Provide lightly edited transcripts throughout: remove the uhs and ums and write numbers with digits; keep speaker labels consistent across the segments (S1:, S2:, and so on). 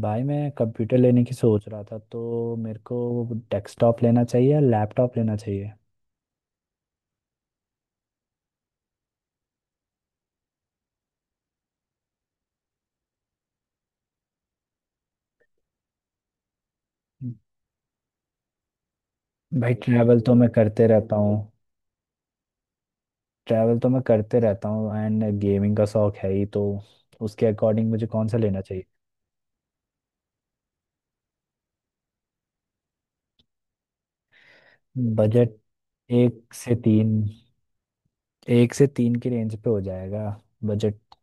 S1: भाई मैं कंप्यूटर लेने की सोच रहा था तो मेरे को डेस्कटॉप लेना चाहिए या लैपटॉप लेना चाहिए। भाई ट्रैवल तो मैं करते रहता हूँ। ट्रैवल तो मैं करते रहता हूँ एंड गेमिंग का शौक है ही तो उसके अकॉर्डिंग मुझे कौन सा लेना चाहिए। बजट एक से तीन एक से तीन की रेंज पे हो जाएगा बजट।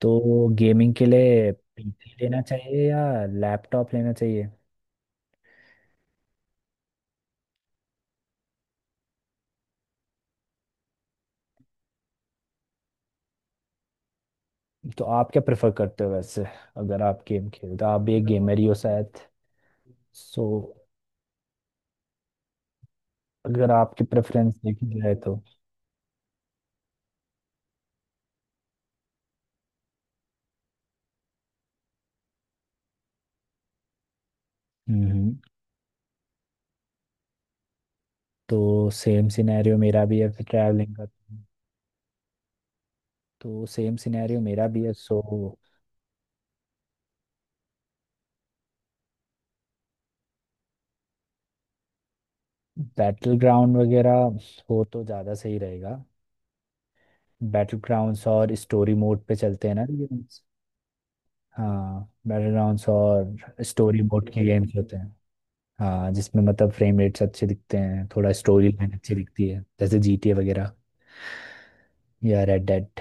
S1: तो गेमिंग के लिए पीसी लेना चाहिए या लैपटॉप लेना चाहिए। तो आप क्या प्रेफर करते हो वैसे। अगर आप गेम खेलते हो आप भी एक गेमर ही हो शायद, सो अगर आपकी प्रेफरेंस देखी जाए तो। हम्म। तो सेम सिनेरियो मेरा भी है फिर ट्रैवलिंग का। तो सेम सिनेरियो मेरा भी है सो। बैटल ग्राउंड वगैरह हो तो ज़्यादा सही रहेगा। बैटल ग्राउंड्स और स्टोरी मोड पे चलते हैं ना गेम्स। हाँ। बैटल ग्राउंड्स और स्टोरी मोड के गेम्स होते हैं। हाँ, जिसमें मतलब फ्रेम रेट्स अच्छे दिखते हैं थोड़ा स्टोरी लाइन अच्छी दिखती है जैसे जीटीए वगैरह या रेड डेड।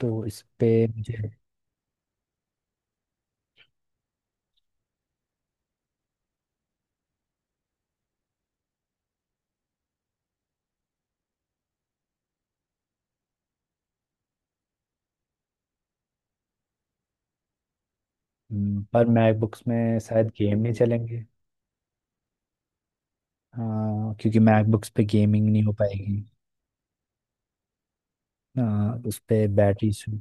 S1: तो इस पे मुझे। पर मैकबुक्स में शायद गेम नहीं चलेंगे। हाँ क्योंकि मैकबुक्स पे गेमिंग नहीं हो पाएगी। हाँ, उस पे बैटरी इशू।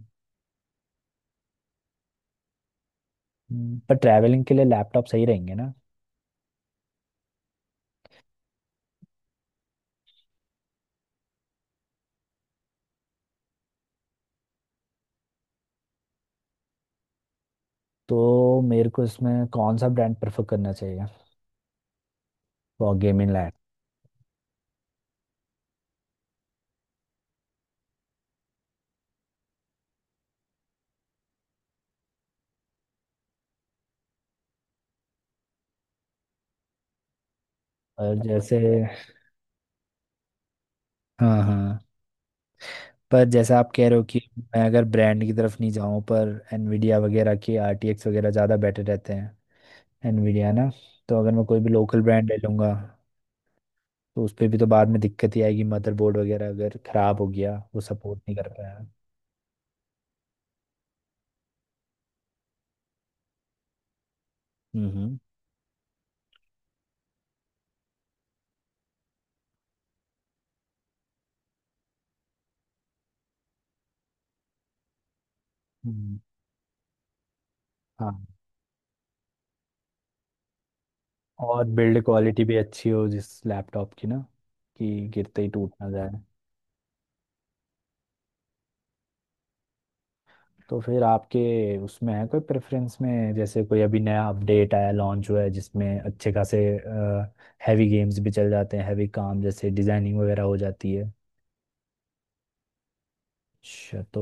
S1: पर ट्रैवलिंग के लिए लैपटॉप सही रहेंगे ना। तो मेरे को इसमें कौन सा ब्रांड प्रेफर करना चाहिए फॉर गेमिंग लैप। पर जैसे। हाँ हाँ। पर जैसा आप कह रहे हो कि मैं अगर ब्रांड की तरफ नहीं जाऊँ, पर एनवीडिया वगैरह के आरटीएक्स वगैरह ज़्यादा बेटर रहते हैं। एनवीडिया ना। तो अगर मैं कोई भी लोकल ब्रांड ले लूँगा तो उस पे भी तो बाद में दिक्कत ही आएगी, मदरबोर्ड वगैरह अगर खराब हो गया वो सपोर्ट नहीं कर पाया। हम्म। हम्म, हाँ। और बिल्ड क्वालिटी भी अच्छी हो जिस लैपटॉप की ना, कि गिरते ही टूट ना जाए। तो फिर आपके उसमें है कोई प्रेफरेंस में जैसे कोई अभी नया अपडेट आया लॉन्च हुआ है जिसमें अच्छे खासे हैवी गेम्स भी चल जाते हैं, हैवी काम जैसे डिजाइनिंग वगैरह हो जाती है। अच्छा तो।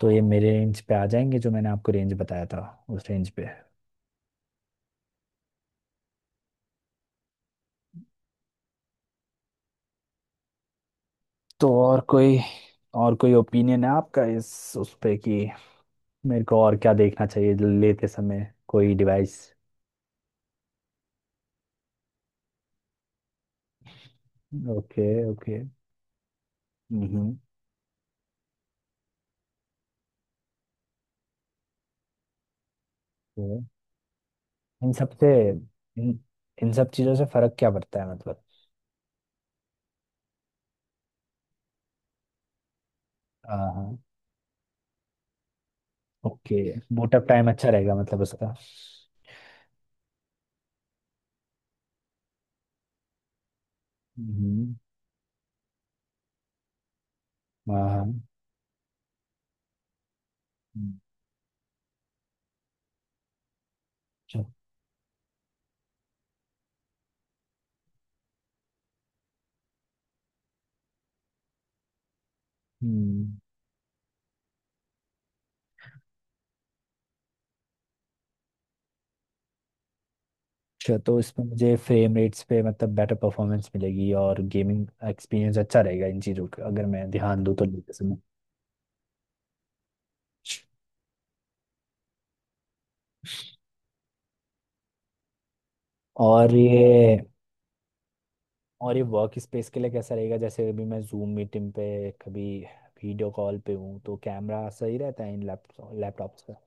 S1: तो ये मेरे रेंज पे आ जाएंगे जो मैंने आपको रेंज बताया था, उस रेंज पे। तो और कोई ओपिनियन है आपका इस उस पे कि मेरे को और क्या देखना चाहिए लेते समय कोई डिवाइस। Okay okay. हम्म। तो इन सब से इन, इन सब चीज़ों से फर्क क्या पड़ता है मतलब। हाँ हाँ। ओके। बूट अप टाइम अच्छा रहेगा मतलब उसका। हम्म। हाँ हाँ। हम्म। अच्छा। हम्म। अच्छा, तो इसमें मुझे फ्रेम रेट्स पे मतलब बेटर परफॉर्मेंस मिलेगी और गेमिंग एक्सपीरियंस अच्छा रहेगा, इन चीज़ों का अगर मैं ध्यान दूँ तो लेते समय। और ये। और ये वर्क स्पेस के लिए कैसा रहेगा, जैसे अभी मैं जूम मीटिंग पे कभी वीडियो कॉल पे हूँ तो कैमरा सही रहता है इन लैपटॉप्स का।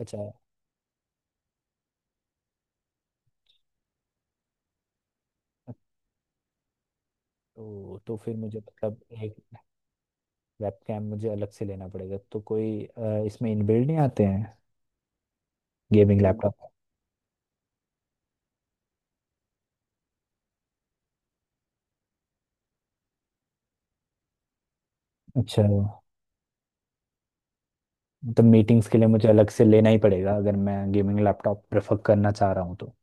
S1: अच्छा। तो फिर मुझे मतलब एक वेबकैम मुझे अलग से लेना पड़ेगा तो कोई इसमें इनबिल्ड नहीं आते हैं गेमिंग लैपटॉप। अच्छा। मतलब मीटिंग्स के लिए मुझे अलग से लेना ही पड़ेगा अगर मैं गेमिंग लैपटॉप प्रेफर करना चाह रहा हूँ तो।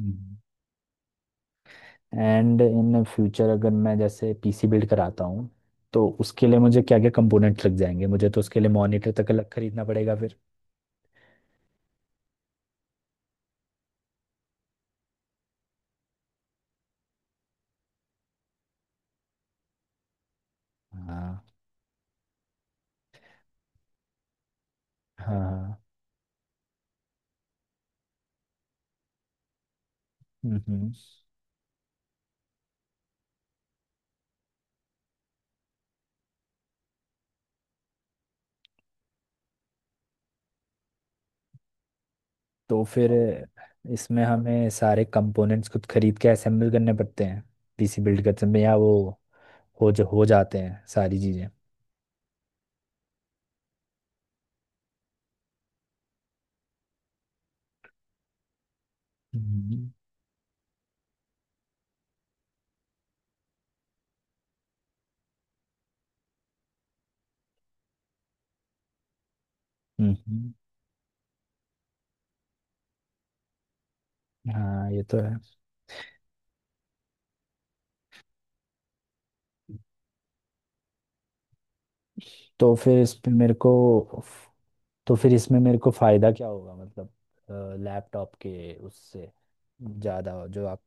S1: हम्म। एंड इन फ्यूचर अगर मैं जैसे पीसी बिल्ड कराता हूँ तो उसके लिए मुझे क्या क्या कंपोनेंट्स लग जाएंगे मुझे, तो उसके लिए मॉनिटर तक अलग खरीदना पड़ेगा फिर। हाँ। हाँ हाँ। हम्म। तो फिर इसमें हमें सारे कंपोनेंट्स खुद खरीद के असेंबल करने पड़ते हैं पीसी बिल्ड करते में, या वो हो जो हो जाते हैं सारी चीज़ें। हम्म हम्म। हाँ ये तो है। तो फिर इस पे मेरे को। तो फिर इसमें मेरे को फायदा क्या होगा मतलब लैपटॉप के उससे ज्यादा जो आप।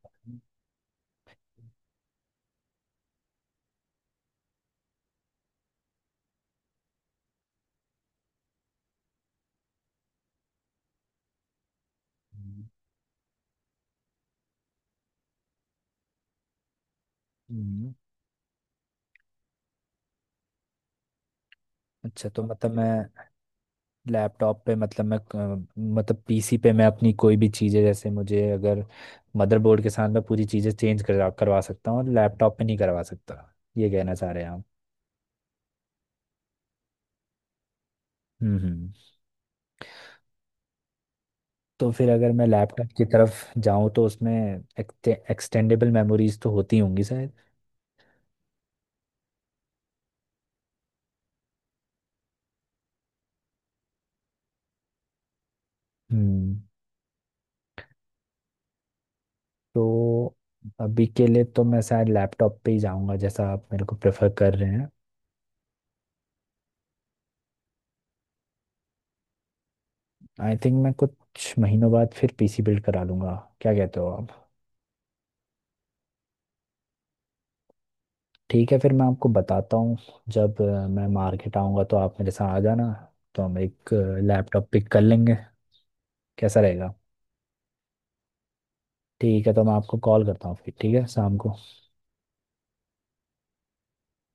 S1: हम्म, हम्म। अच्छा तो मतलब मैं लैपटॉप पे मतलब मैं मतलब पीसी पे मैं अपनी कोई भी चीज़ें जैसे मुझे अगर मदरबोर्ड के साथ मैं पूरी चीज़ें चेंज करा करवा सकता हूँ और लैपटॉप पे नहीं करवा सकता, ये कहना चाह रहे हैं आप। हम्म हम्म। तो फिर अगर मैं लैपटॉप की तरफ जाऊं तो उसमें एक्सटेंडेबल मेमोरीज तो होती होंगी शायद। हम्म। तो अभी के लिए तो मैं शायद लैपटॉप पे ही जाऊंगा जैसा आप मेरे को प्रेफर कर रहे हैं। आई थिंक मैं कुछ महीनों बाद फिर पीसी बिल्ड करा लूंगा। क्या कहते हो आप। ठीक है फिर मैं आपको बताता हूँ। जब मैं मार्केट आऊँगा तो आप मेरे साथ आ जाना, तो हम एक लैपटॉप पिक कर लेंगे। कैसा रहेगा। ठीक है तो मैं आपको कॉल करता हूँ फिर, ठीक है शाम को।